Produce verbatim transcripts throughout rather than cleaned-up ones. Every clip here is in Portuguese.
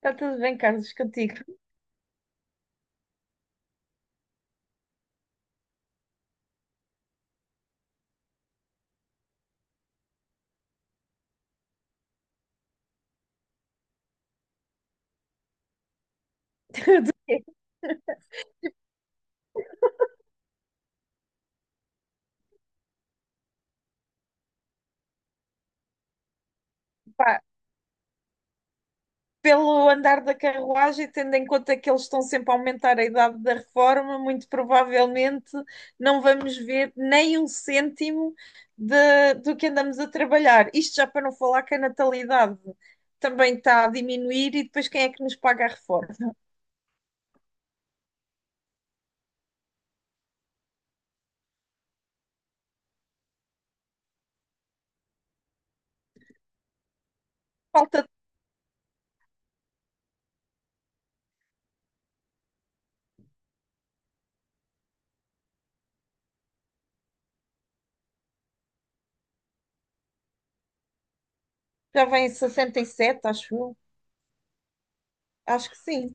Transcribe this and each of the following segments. Está tudo bem, Carlos, contigo. Tudo bem, pá. Pelo andar da carruagem, tendo em conta que eles estão sempre a aumentar a idade da reforma, muito provavelmente não vamos ver nem um cêntimo de- do que andamos a trabalhar. Isto já para não falar que a natalidade também está a diminuir e depois quem é que nos paga a reforma? Falta, já vem sessenta e sete, acho eu. Acho que sim.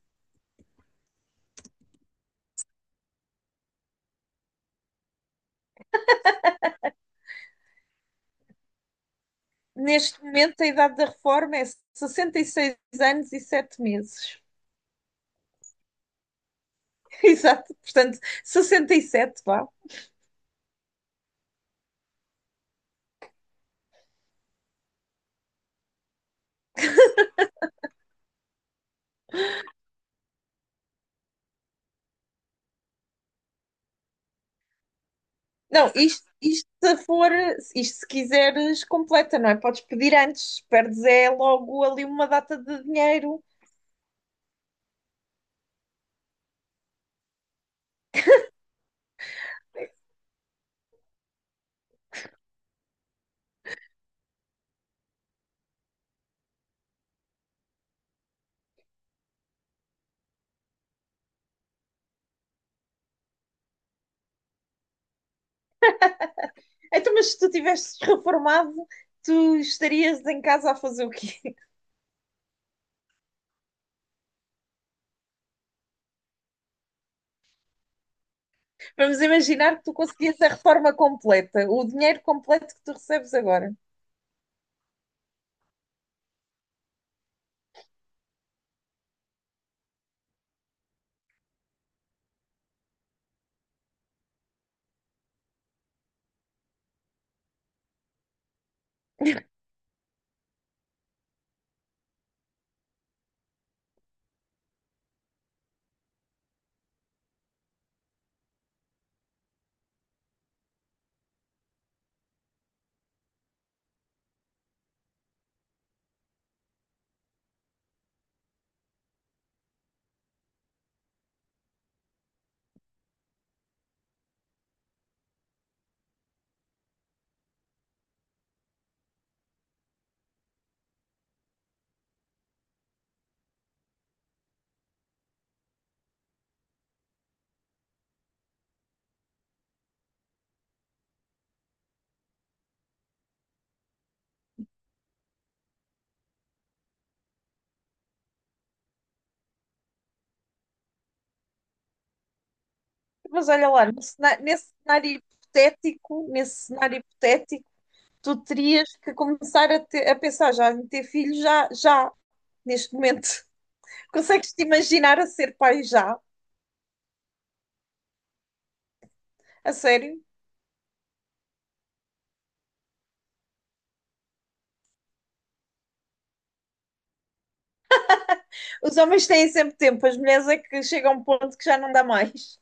Neste momento, a idade da reforma é sessenta e seis anos e sete meses. Exato, portanto, sessenta e sete, vá. Não, isto, isto se for, isto se quiseres, completa, não é? Podes pedir antes, perdes é logo ali uma data de dinheiro. Então, mas se tu tivesses reformado, tu estarias em casa a fazer o quê? Vamos imaginar que tu conseguias a reforma completa, o dinheiro completo que tu recebes agora. Mas olha lá, no cena- nesse cenário hipotético, nesse cenário hipotético, tu terias que começar a, ter- a pensar já em ter filhos já, já, neste momento. Consegues te imaginar a ser pai já? A sério? Os homens têm sempre tempo, as mulheres é que chegam a um ponto que já não dá mais.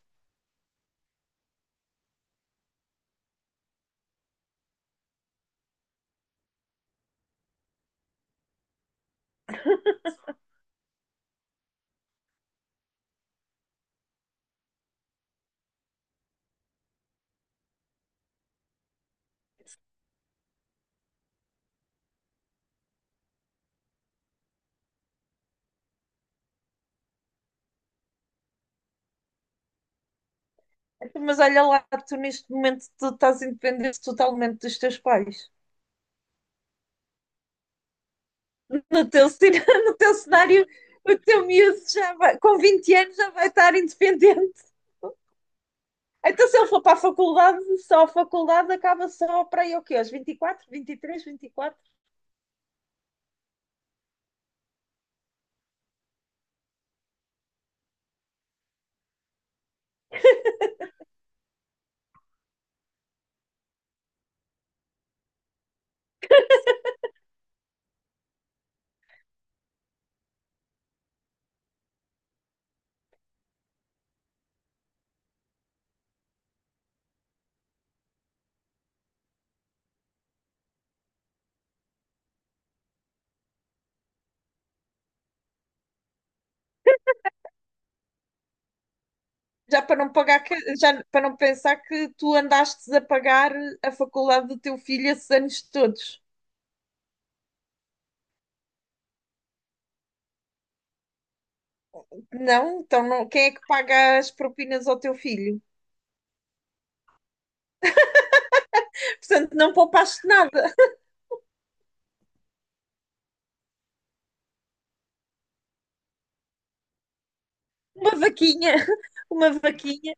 Mas olha lá, tu neste momento tu estás independente totalmente dos teus pais. No teu, no teu cenário, o teu miúdo já vai, com vinte anos já vai estar independente. Então, se ele for para a faculdade, só a faculdade acaba só para aí o quê? Aos vinte e quatro, vinte e três, vinte e quatro? Já para não pagar, que- já para não pensar que tu andaste a pagar a faculdade do teu filho esses anos todos. Não? Então não, quem é que paga as propinas ao teu filho? Portanto, não poupaste nada. Uma vaquinha, uma vaquinha.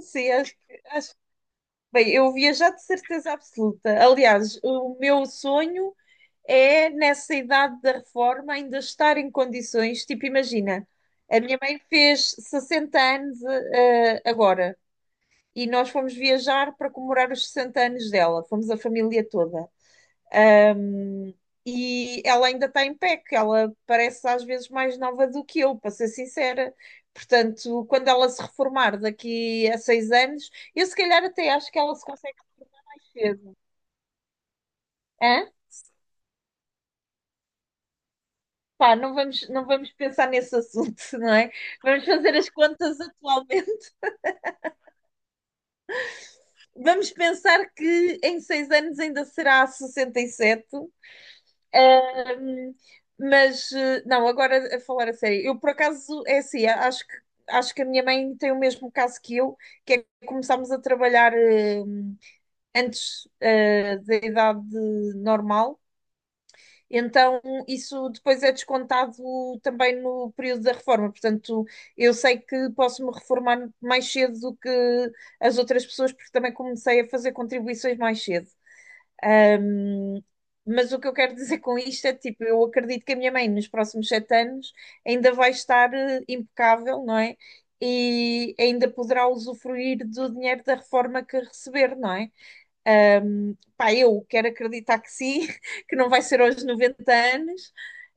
Sim, acho, que- acho Bem, eu viajar de certeza absoluta. Aliás, o meu sonho é, nessa idade da reforma, ainda estar em condições. Tipo, imagina, a minha mãe fez sessenta anos, eh, agora, e nós fomos viajar para comemorar os sessenta anos dela. Fomos a família toda. E ela ainda está em pé, que ela parece às vezes mais nova do que eu, para ser sincera. Portanto, quando ela se reformar daqui a seis anos, eu se calhar até acho que ela se consegue mais cedo. Pá, não vamos, não vamos pensar nesse assunto, não é? Vamos fazer as contas atualmente. Vamos pensar que em seis anos ainda será sessenta e sete. Hum, mas, eh, não, agora a falar a sério. Eu, por acaso, é assim, a- acho que, acho que a minha mãe tem o mesmo caso que eu, que é que começámos a trabalhar eh, antes eh, da idade normal. Então, isso depois é descontado também no período da reforma. Portanto, eu sei que posso me reformar mais cedo do que as outras pessoas, porque também comecei a fazer contribuições mais cedo. Hum, mas o que eu quero dizer com isto é, tipo, eu acredito que a minha mãe, nos próximos sete anos, ainda vai estar eh, impecável, não é? E ainda poderá usufruir do dinheiro da reforma que receber, não é? Hum, Pá, eu quero acreditar que sim, que não vai ser aos noventa anos.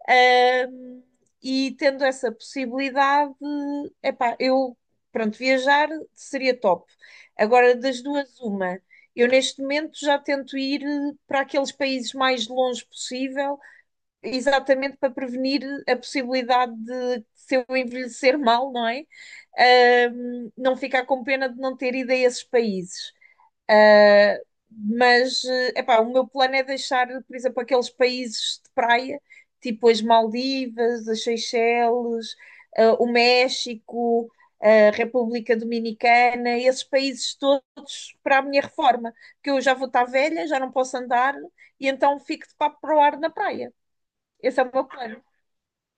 Ahm, e tendo essa possibilidade, epá, eu, pronto, viajar seria top. Agora, das duas, uma. Eu neste momento já tento ir eh, para aqueles países mais longe possível, exatamente para prevenir a possibilidade de, se eu envelhecer mal, não é? Ahm, não ficar com pena de não ter ido a esses países. Uh, mas, eh, epá, o meu plano é deixar, por exemplo, aqueles países de praia, tipo as Maldivas, as Seychelles, eh, o México, a República Dominicana, esses países todos para a minha reforma, que eu já vou estar velha, já não posso andar, e então fico de papo para o ar na praia. Esse é o meu plano,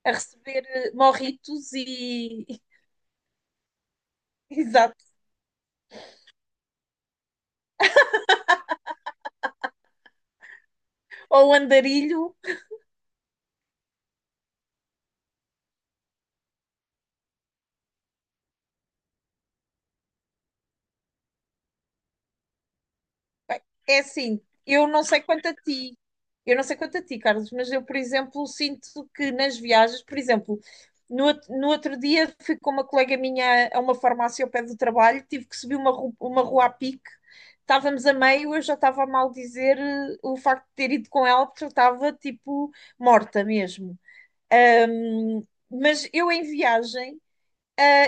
a receber eh, morritos e... Exato. Ou andarilho. É assim, eu não sei quanto a ti, eu não sei quanto a ti, Carlos, mas eu, por exemplo, sinto que nas viagens, por exemplo, no, out- no outro dia fui com uma colega minha a uma farmácia ao pé do trabalho, tive que subir uma, ru- uma rua a pique, estávamos a meio, eu já estava a maldizer eh, o facto de ter ido com ela, porque eu estava tipo morta mesmo. Ahm, mas eu em viagem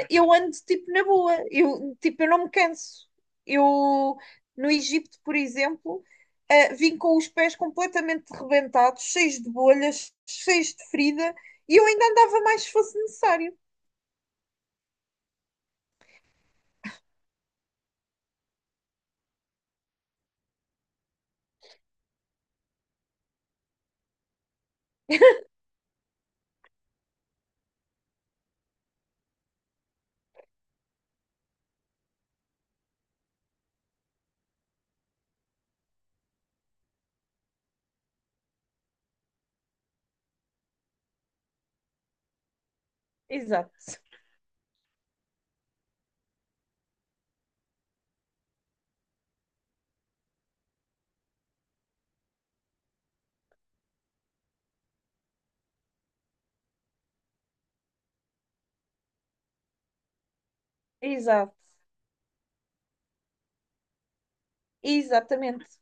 eu ando tipo na boa, eu, tipo, eu não me canso. Eu no Egito, por exemplo, eh, vim com os pés completamente rebentados, cheios de bolhas, cheios de ferida, e eu ainda andava mais se fosse necessário. Exato, exato, exatamente.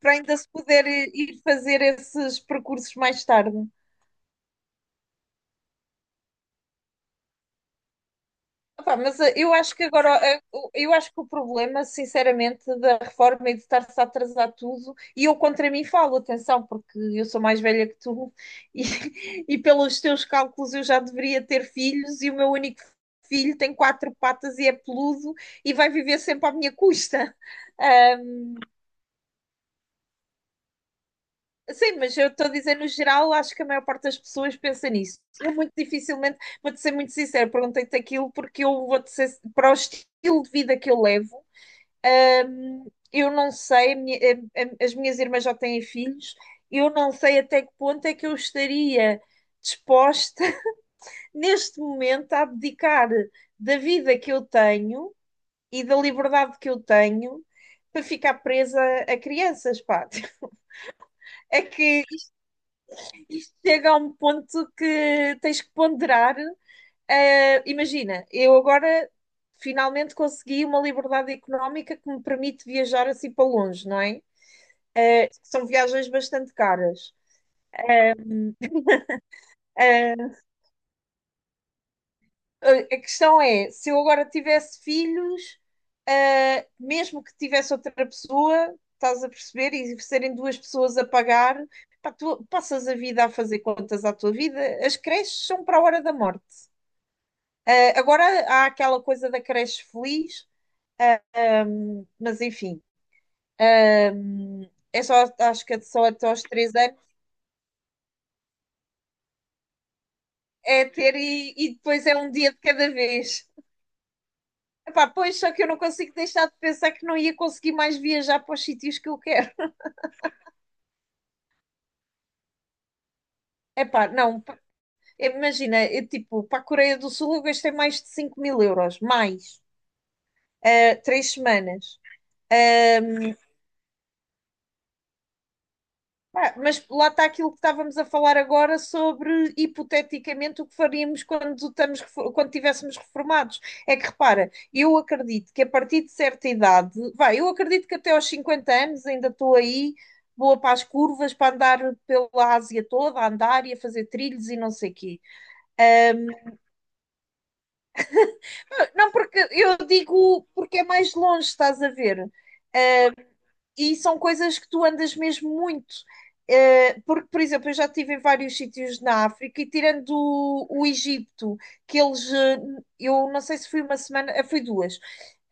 Para ainda se puder eh, ir fazer esses percursos mais tarde. Epá, mas eh, eu acho que agora, eh, o- eu acho que o problema, sinceramente, da reforma é de estar-se a atrasar tudo, e eu contra mim falo, atenção, porque eu sou mais velha que tu, e, e pelos teus cálculos eu já deveria ter filhos, e o meu único filho tem quatro patas e é peludo e vai viver sempre à minha custa. Ah, sim, mas eu estou a dizer, no geral, acho que a maior parte das pessoas pensa nisso. Eu muito dificilmente, vou-te ser muito sincera, perguntei-te aquilo porque eu vou-te ser, para o estilo de vida que eu levo. Ahm, eu não sei, a minha- a- a- as minhas irmãs já têm filhos, eu não sei até que ponto é que eu estaria disposta, neste momento, a abdicar da vida que eu tenho e da liberdade que eu tenho para ficar presa a crianças, pá. É que isto chega a um ponto que tens que ponderar. Eh, imagina, eu agora finalmente consegui uma liberdade económica que me permite viajar assim para longe, não é? É, são viagens bastante caras. Ah, a a questão é, se eu agora tivesse filhos, ah, mesmo que tivesse outra pessoa, estás a perceber, e serem duas pessoas a pagar, pá, tu passas a vida a fazer contas à tua vida. As creches são para a hora da morte. Ah, agora há aquela coisa da creche feliz, ah, mas enfim, ah, é só, acho que é só até aos três anos, é ter e, e depois é um dia de cada vez. Epá, pois, só que eu não consigo deixar de pensar que não ia conseguir mais viajar para os sítios que eu quero. Epá, não, pa- imagina, eu, tipo, para a Coreia do Sul eu gastei mais de cinco mil euros, mais, ah, três semanas. Eh, Ah, mas lá está aquilo que estávamos a falar agora sobre, hipoteticamente, o que faríamos quando estamos, refo- quando estivéssemos reformados. É que repara, eu acredito que a partir de certa idade, vai, eu acredito que até aos cinquenta anos ainda estou aí, boa para as curvas, para andar pela Ásia toda, a andar e a fazer trilhos e não sei o quê. Não, porque eu digo porque é mais longe, estás a ver? E são coisas que tu andas mesmo muito. Eh, porque, por exemplo, eu já estive em vários sítios na África e tirando o, o Egito, que eles, eh, eu não sei se foi uma semana, eh, foi duas.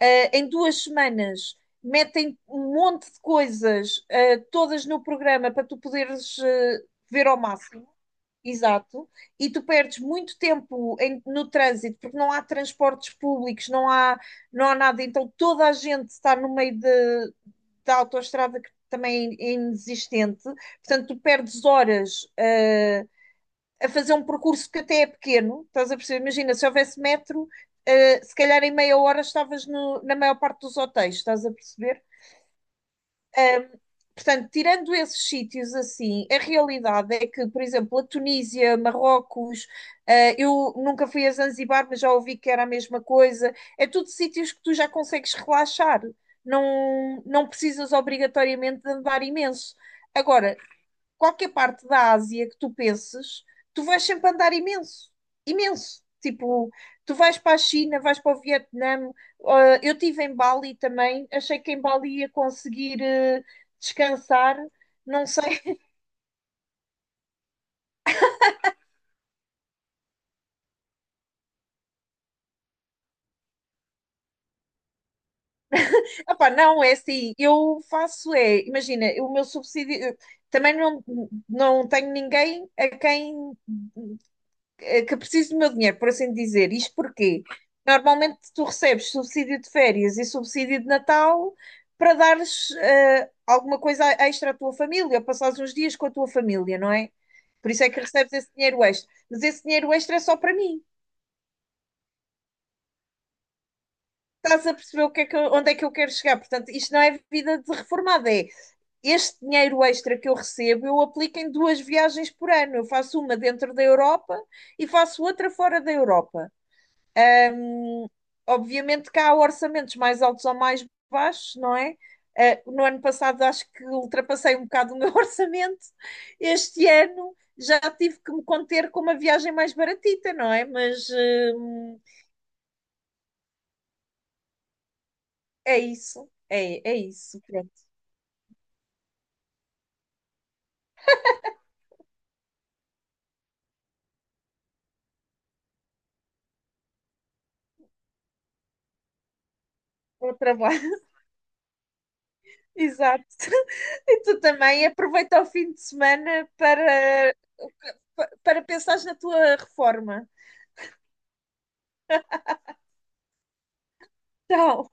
Eh, em duas semanas metem um monte de coisas, eh, todas no programa para tu poderes, eh, ver ao máximo. Exato. E tu perdes muito tempo em- no trânsito, porque não há transportes públicos, não há, não há nada. Então toda a gente está no meio de, da autoestrada que também é inexistente. Portanto, tu perdes horas, eh, a fazer um percurso que até é pequeno. Estás a perceber? Imagina, se houvesse metro, eh, se calhar em meia hora estavas no- na maior parte dos hotéis. Estás a perceber? Portanto, tirando esses sítios assim, a realidade é que, por exemplo, a Tunísia, Marrocos, eh, eu nunca fui a Zanzibar, mas já ouvi que era a mesma coisa. É tudo sítios que tu já consegues relaxar. Não, não precisas obrigatoriamente de andar imenso. Agora, qualquer parte da Ásia que tu penses, tu vais sempre andar imenso, imenso. Tipo, tu vais para a China, vais para o Vietnã. Ah, eu estive em Bali também, achei que em Bali ia conseguir eh, descansar. Não sei. Epá, não, é assim, eu faço é, imagina, o meu subsídio, eu também não, não tenho ninguém a quem eh, que preciso do meu dinheiro, por assim dizer. Isto porquê? Normalmente tu recebes subsídio de férias e subsídio de Natal para dares eh, alguma coisa extra à tua família, ou passares uns dias com a tua família, não é? Por isso é que recebes esse dinheiro extra. Mas esse dinheiro extra é só para mim. Estás a perceber o que é que eu- onde é que eu quero chegar? Portanto, isto não é vida de reformada, é este dinheiro extra que eu recebo, eu aplico em duas viagens por ano. Eu faço uma dentro da Europa e faço outra fora da Europa. Obviamente que há orçamentos mais altos ou mais baixos, não é? Eh, no ano passado acho que ultrapassei um bocado o meu orçamento. Este ano já tive que me conter com uma viagem mais baratita, não é? Mas hum, é isso, é, é isso. Pronto, o trabalho. Exato. E tu também aproveita o fim de semana para, para pensares na tua reforma. Tchau.